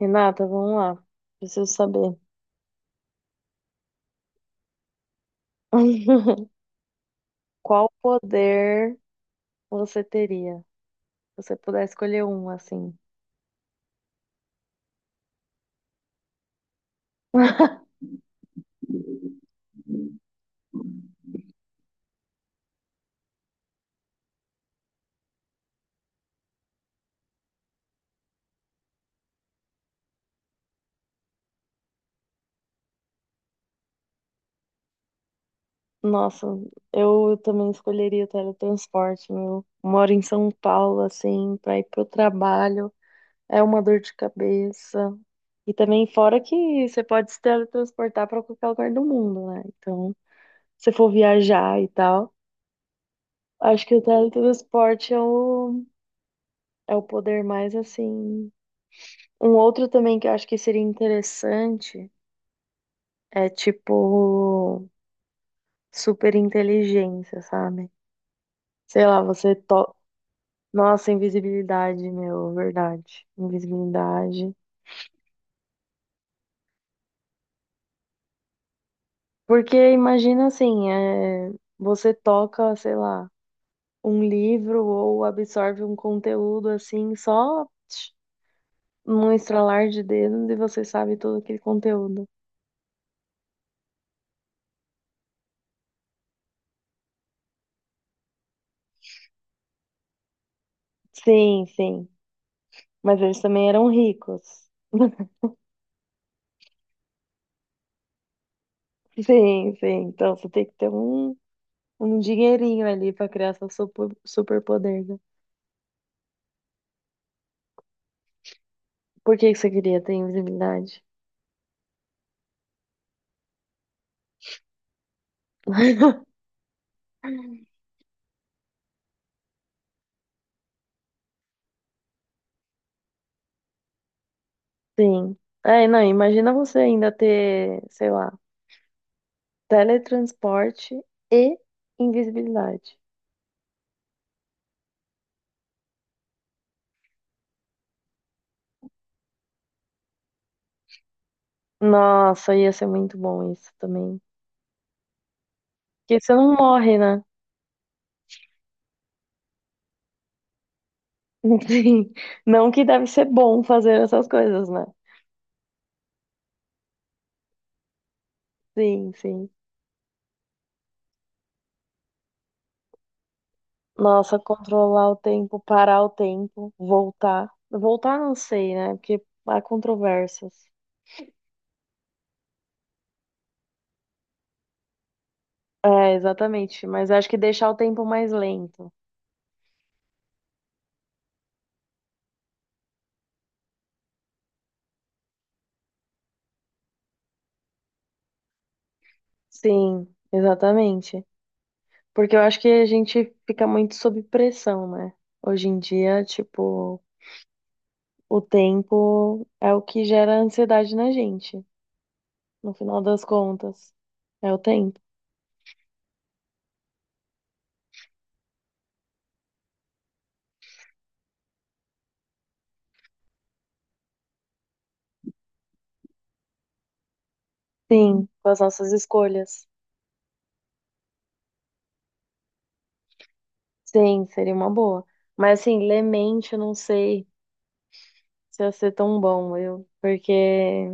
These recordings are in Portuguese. Renata, vamos lá. Preciso saber. Qual poder você teria? Se você puder escolher um, assim. Nossa, eu também escolheria o teletransporte, meu. Moro em São Paulo, assim, pra ir pro trabalho. É uma dor de cabeça. E também, fora que você pode se teletransportar pra qualquer lugar do mundo, né? Então, se for viajar e tal, acho que o teletransporte é o poder mais, assim. Um outro também que eu acho que seria interessante é tipo super inteligência, sabe? Sei lá, você to... Nossa, invisibilidade, meu, verdade. Invisibilidade. Porque imagina assim, você toca, sei lá, um livro ou absorve um conteúdo assim, só tch, num estralar de dedos e você sabe todo aquele conteúdo. Sim, sim. Mas eles também eram ricos. Sim, sim. Então você tem que ter um dinheirinho ali pra criar seu superpoder, né? Por que você queria ter invisibilidade? Sim. É, não, imagina você ainda ter, sei lá, teletransporte e invisibilidade. Nossa, ia ser muito bom isso também. Porque você não morre, né? Sim. Não que deve ser bom fazer essas coisas, né? Sim, sim. Nossa, controlar o tempo, parar o tempo, voltar. Voltar não sei, né? Porque há controvérsias. É, exatamente. Mas acho que deixar o tempo mais lento. Sim, exatamente. Porque eu acho que a gente fica muito sob pressão, né? Hoje em dia, tipo, o tempo é o que gera ansiedade na gente, no final das contas. É o tempo. Sim, com as nossas escolhas. Sim, seria uma boa. Mas assim, lemente, eu não sei se ia ser tão bom, eu, porque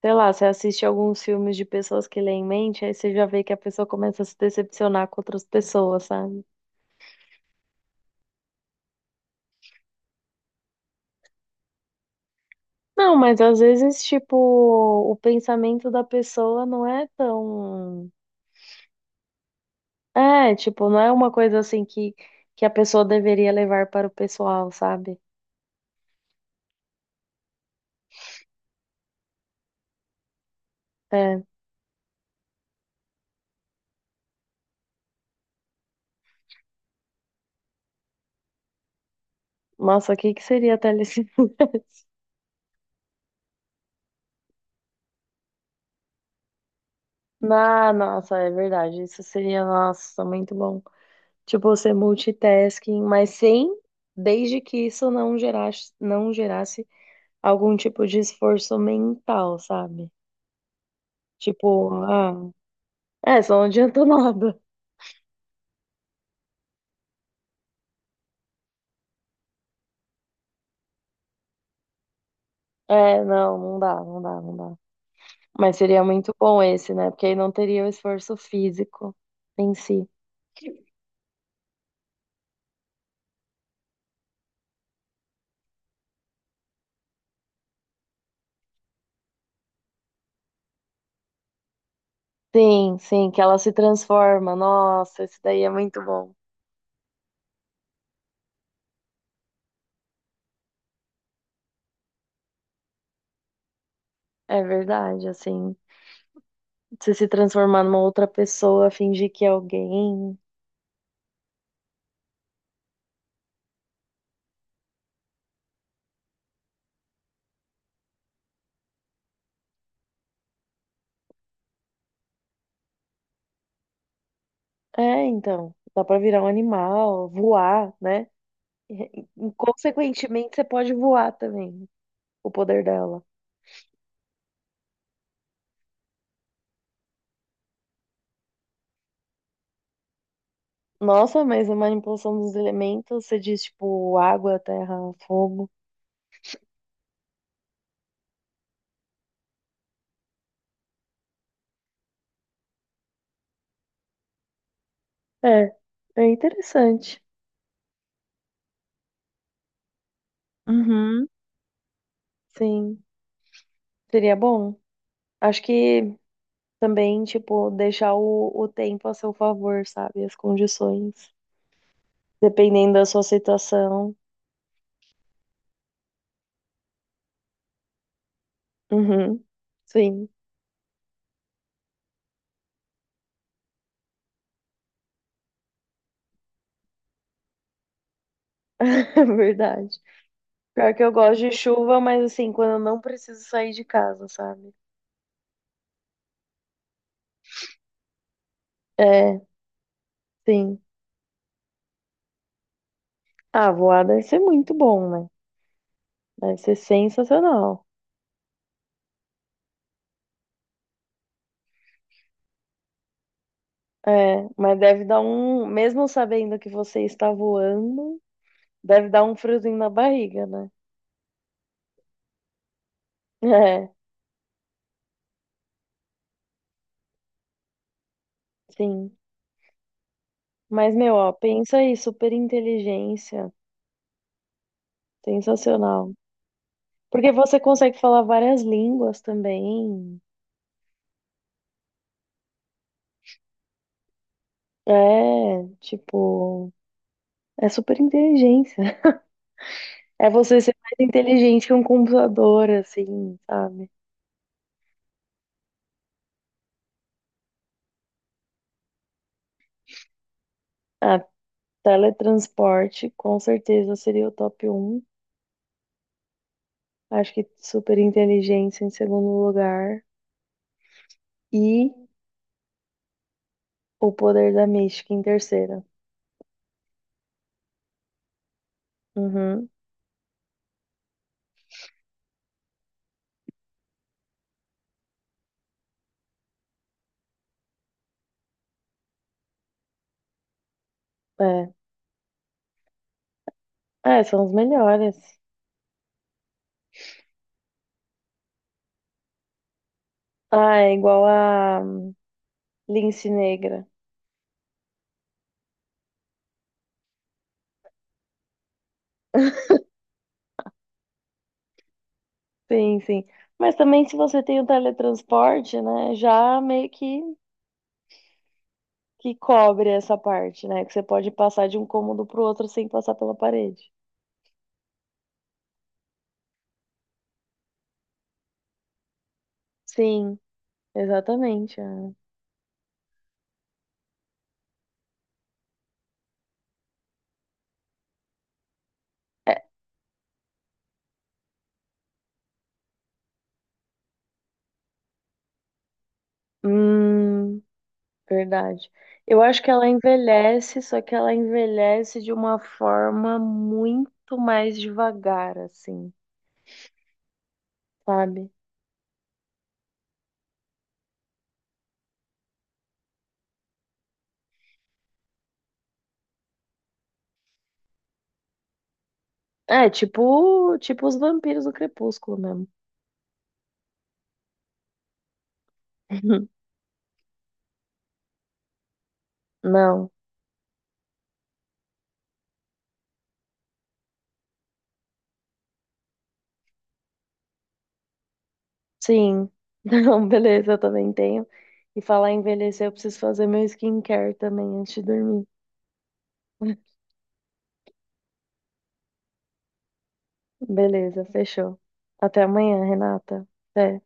sei lá, você assiste alguns filmes de pessoas que lê em mente, aí você já vê que a pessoa começa a se decepcionar com outras pessoas, sabe? Não, mas às vezes, tipo, o pensamento da pessoa não é tão. É, tipo, não é uma coisa assim que a pessoa deveria levar para o pessoal, sabe? É. Nossa, o que seria telecine? Ah, nossa, é verdade. Isso seria, nossa, muito bom. Tipo, você multitasking, mas sem, desde que isso não gerasse algum tipo de esforço mental, sabe? Tipo, ah, é, só não adiantou nada. É, não, não dá. Mas seria muito bom esse, né? Porque aí não teria o esforço físico em si. Sim, sim, que ela se transforma. Nossa, esse daí é muito bom. É verdade, assim. Você se transformar numa outra pessoa, fingir que é alguém. É, então. Dá pra virar um animal, voar, né? E, e consequentemente, você pode voar também. O poder dela. Nossa, mas a manipulação dos elementos, você diz tipo água, terra, fogo. É, é interessante. Uhum. Sim, seria bom. Acho que também, tipo, deixar o tempo a seu favor, sabe? As condições. Dependendo da sua situação. Uhum. Sim, é verdade. Pior que eu gosto de chuva, mas assim, quando eu não preciso sair de casa, sabe? É, sim. Ah, voar deve ser muito bom, né? Deve ser sensacional. É, mas deve dar um, mesmo sabendo que você está voando, deve dar um friozinho na barriga, né? É, sim. Mas, meu, ó, pensa aí, super inteligência, sensacional. Porque você consegue falar várias línguas também. É, tipo, é super inteligência. É você ser mais inteligente que um computador, assim, sabe? Ah, teletransporte, com certeza seria o top um. Acho que super inteligência em segundo lugar. E o Poder da Mística em terceira. Uhum, é. É, são os melhores. Ah, é igual a Lince Negra. Sim, sim. Mas também se você tem o teletransporte, né, já meio que cobre essa parte, né? Que você pode passar de um cômodo pro outro sem passar pela parede. Sim, exatamente. É. É, hum, verdade. Eu acho que ela envelhece, só que ela envelhece de uma forma muito mais devagar, assim, sabe? É, tipo, tipo os vampiros do Crepúsculo mesmo. Não, sim. Não, beleza, eu também tenho. E falar em envelhecer, eu preciso fazer meu skincare também antes de dormir. Beleza, fechou. Até amanhã, Renata. Até.